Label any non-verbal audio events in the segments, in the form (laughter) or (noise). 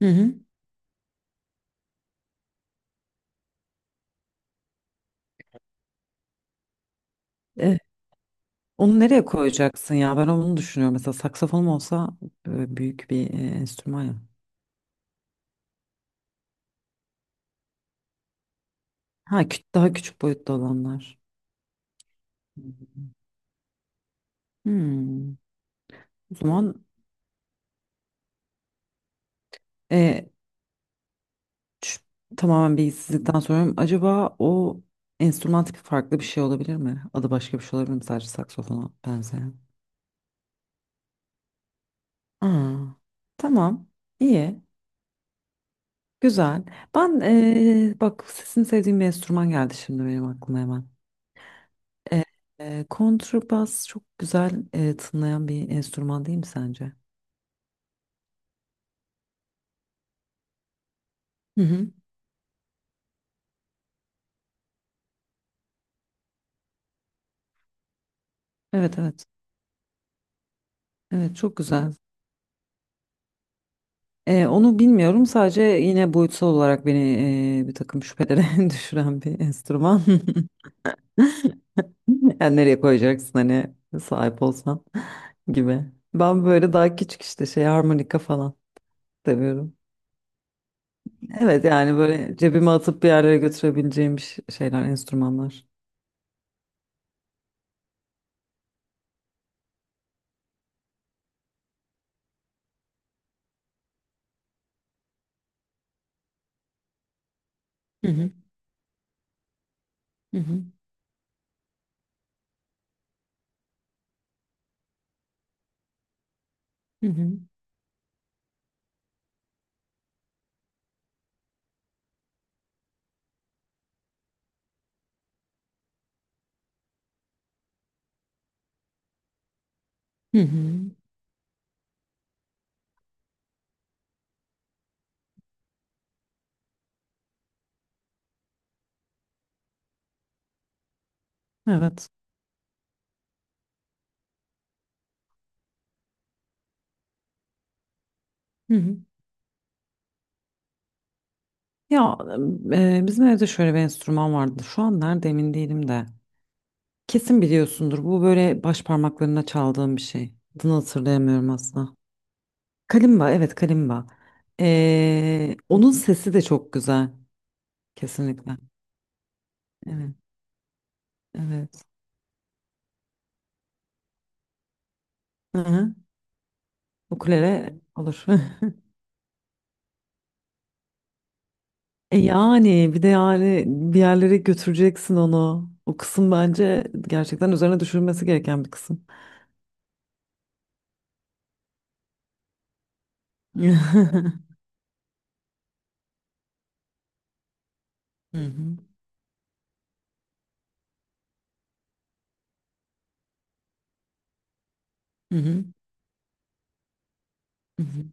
Hı hı. E, Onu nereye koyacaksın ya? Ben onu düşünüyorum. Mesela saksafonum olsa büyük bir enstrüman ya. Ha, daha küçük boyutta olanlar. Hı hı. Hmm. O zaman e, ç- tamamen bilgisizlikten soruyorum. Acaba o enstrüman tipi farklı bir şey olabilir mi? Adı başka bir şey olabilir mi? Sadece saksafona benzeyen. Aa, tamam. İyi. Güzel. Ben bak sesini sevdiğim bir enstrüman geldi şimdi benim aklıma hemen. E, kontrabas çok güzel tınlayan bir enstrüman değil mi sence? Hı hı. Evet evet. Evet çok güzel. Onu bilmiyorum sadece yine boyutsal olarak beni bir takım şüphelere (laughs) düşüren bir enstrüman. (laughs) Yani nereye koyacaksın hani sahip olsan (laughs) gibi. Ben böyle daha küçük işte şey harmonika falan seviyorum. Evet yani böyle cebime atıp bir yerlere götürebileceğim bir şeyler, enstrümanlar. Hı hı. Hı hı. Hı hı. Hı hı. Evet. Hı hı. Ya bizim evde şöyle bir enstrüman vardı. Şu an nerede emin değilim de. Kesin biliyorsundur. Bu böyle baş parmaklarına çaldığım bir şey. Adını hatırlayamıyorum aslında. Kalimba, evet kalimba. Onun sesi de çok güzel. Kesinlikle. Evet, evet. Hı-hı. Ukulele olur. (laughs) E yani bir de yani bir yerlere götüreceksin onu. O kısım bence gerçekten üzerine düşürülmesi gereken bir kısım. (laughs) Hı hı. Hı hı. Hı hı.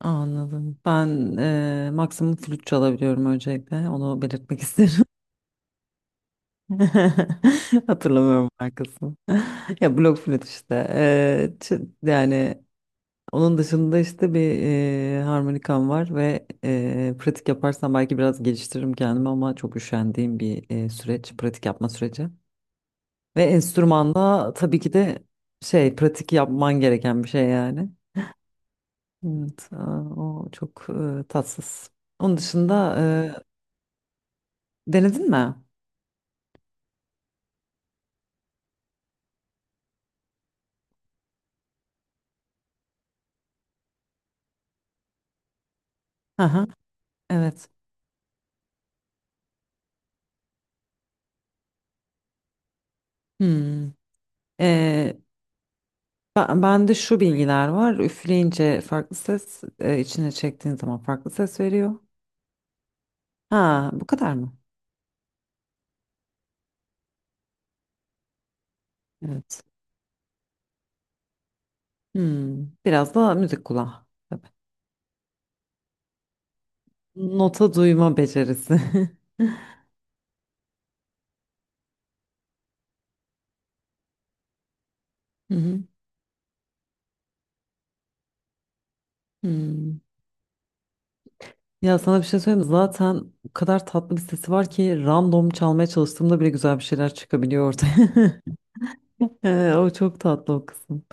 Anladım. Ben maksimum flüt çalabiliyorum öncelikle. Onu belirtmek isterim. (laughs) Hatırlamıyorum markasını. (laughs) Ya blok flüt işte. Yani onun dışında işte bir harmonikam var ve pratik yaparsam belki biraz geliştiririm kendimi ama çok üşendiğim bir süreç, pratik yapma süreci. Ve enstrümanla tabii ki de şey pratik yapman gereken bir şey yani. Evet, aa, o çok tatsız. Onun dışında denedin mi? Hı hı, evet. Hmm. Ee, bende şu bilgiler var. Üfleyince farklı ses, içine çektiğin zaman farklı ses veriyor. Ha, bu kadar mı? Evet. Hmm. Biraz da müzik kulağı. Tabii. Nota duyma becerisi. (laughs) Hı hı. Hmm. Ya sana bir şey söyleyeyim mi? Zaten o kadar tatlı bir sesi var ki random çalmaya çalıştığımda bile güzel bir şeyler çıkabiliyor ortaya. (laughs) O çok tatlı o kısım.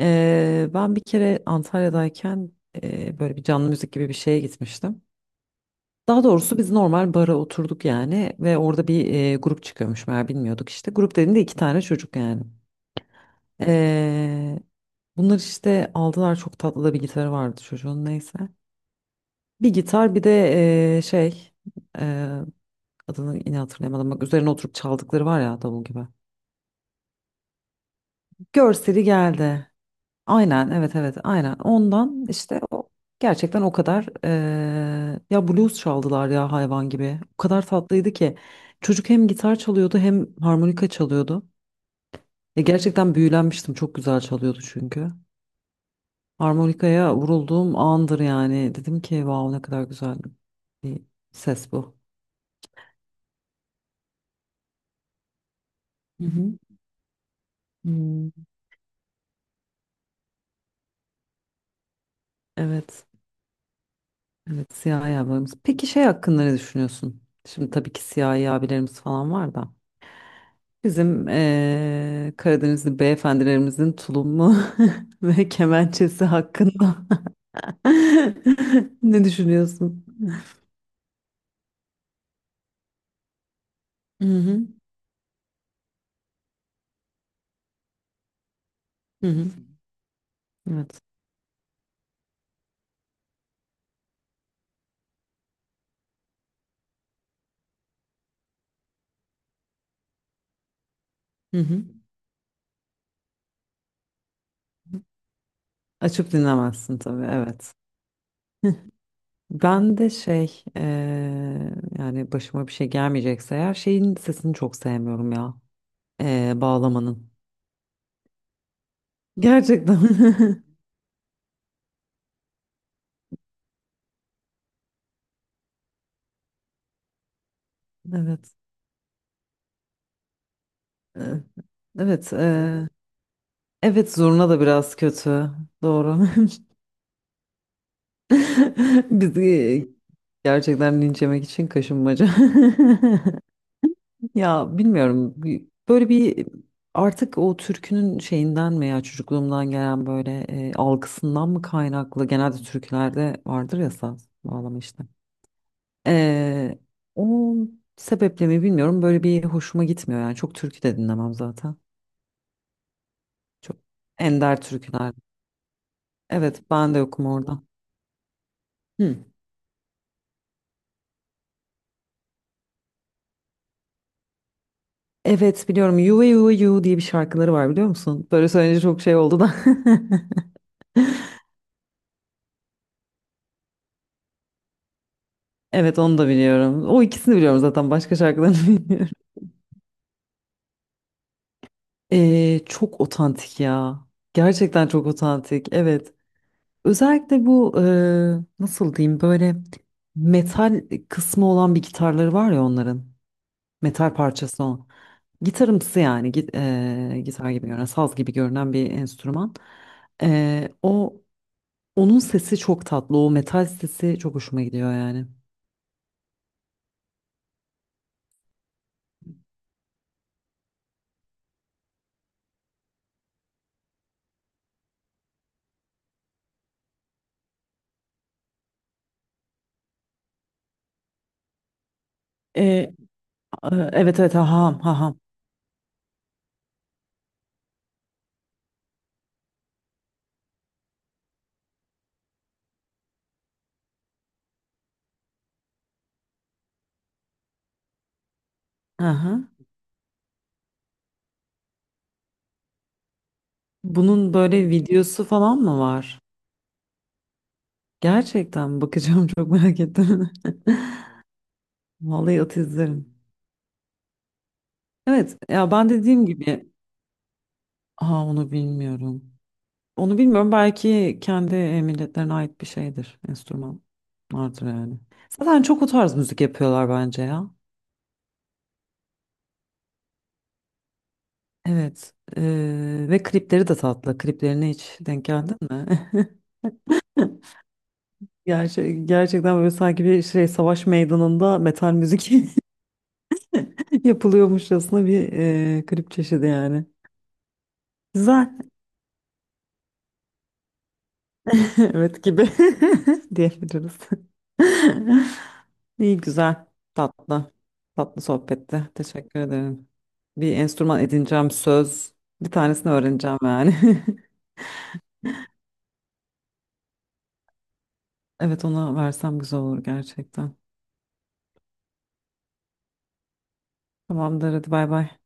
Ben bir kere Antalya'dayken böyle bir canlı müzik gibi bir şeye gitmiştim. Daha doğrusu biz normal bara oturduk yani ve orada bir grup çıkıyormuş meğer, bilmiyorduk işte. Grup dediğimde iki tane çocuk yani. Ee, Bunlar işte aldılar, çok tatlı da bir gitarı vardı çocuğun, neyse. Bir gitar bir de e, şey e, adını yine hatırlayamadım bak, üzerine oturup çaldıkları var ya davul gibi. Görseli geldi. Aynen evet evet aynen ondan işte o gerçekten o kadar ya blues çaldılar ya, hayvan gibi o kadar tatlıydı ki çocuk hem gitar çalıyordu hem harmonika çalıyordu, ya gerçekten büyülenmiştim, çok güzel çalıyordu çünkü. Harmonikaya vurulduğum andır yani, dedim ki wow ne kadar güzel bir ses bu. Hı hı. Hmm. Evet evet, siyahi abilerimiz. Peki şey hakkında ne düşünüyorsun şimdi, tabii ki siyahi abilerimiz falan var da bizim Karadenizli beyefendilerimizin tulumu (laughs) ve kemençesi hakkında (laughs) ne düşünüyorsun? Hı hı. Hı hı. Evet. Hı hı. Açıp dinlemezsin tabii, evet. (laughs) Ben de yani başıma bir şey gelmeyecekse eğer şeyin sesini çok sevmiyorum ya. Bağlamanın. Gerçekten. (laughs) Evet. Eee, Evet. Evet zurna da biraz kötü. Doğru. (laughs) (laughs) Biz gerçekten linç yemek için kaşınmaca. (laughs) Ya bilmiyorum böyle bir, artık o türkünün şeyinden mi ya, çocukluğumdan gelen böyle algısından mı kaynaklı, genelde türkülerde vardır ya saz bağlama işte. E, o sebeple mi bilmiyorum, böyle bir hoşuma gitmiyor yani, çok türkü de dinlemem zaten. Çok ender türküler. Evet ben de yokum orada. Hı. Evet biliyorum, You ve You ve You diye bir şarkıları var, biliyor musun? Böyle söyleyince çok şey oldu da. (laughs) Evet onu da biliyorum. O ikisini biliyorum zaten, başka şarkılarını (laughs) bilmiyorum. Çok otantik ya. Gerçekten çok otantik. Evet. Özellikle bu nasıl diyeyim, böyle metal kısmı olan bir gitarları var ya onların. Metal parçası o. Gitarımsı yani, gitar gibi görünen, saz gibi görünen bir enstrüman. E, o Onun sesi çok tatlı. O metal sesi çok hoşuma gidiyor yani. E, e, evet evet, haham haham. Aha. Bunun böyle videosu falan mı var? Gerçekten bakacağım, (laughs) çok merak ettim. (laughs) Vallahi at, izlerim. Evet ya ben dediğim gibi, ha onu bilmiyorum. Onu bilmiyorum, belki kendi milletlerine ait bir şeydir. Enstrüman vardır yani. Zaten çok o tarz müzik yapıyorlar bence ya. Evet. Ve klipleri de tatlı. Kliplerine hiç denk geldin mi? (laughs) Gerçekten böyle sanki bir şey savaş meydanında metal müzik (laughs) yapılıyormuşçasına bir klip çeşidi yani. Güzel. (laughs) Evet gibi (laughs) diyebiliriz. (laughs) İyi güzel. Tatlı. Tatlı sohbetti. Teşekkür ederim. Bir enstrüman edineceğim, söz. Bir tanesini öğreneceğim yani. (laughs) Evet ona versem güzel olur gerçekten. Tamamdır hadi, bay bay.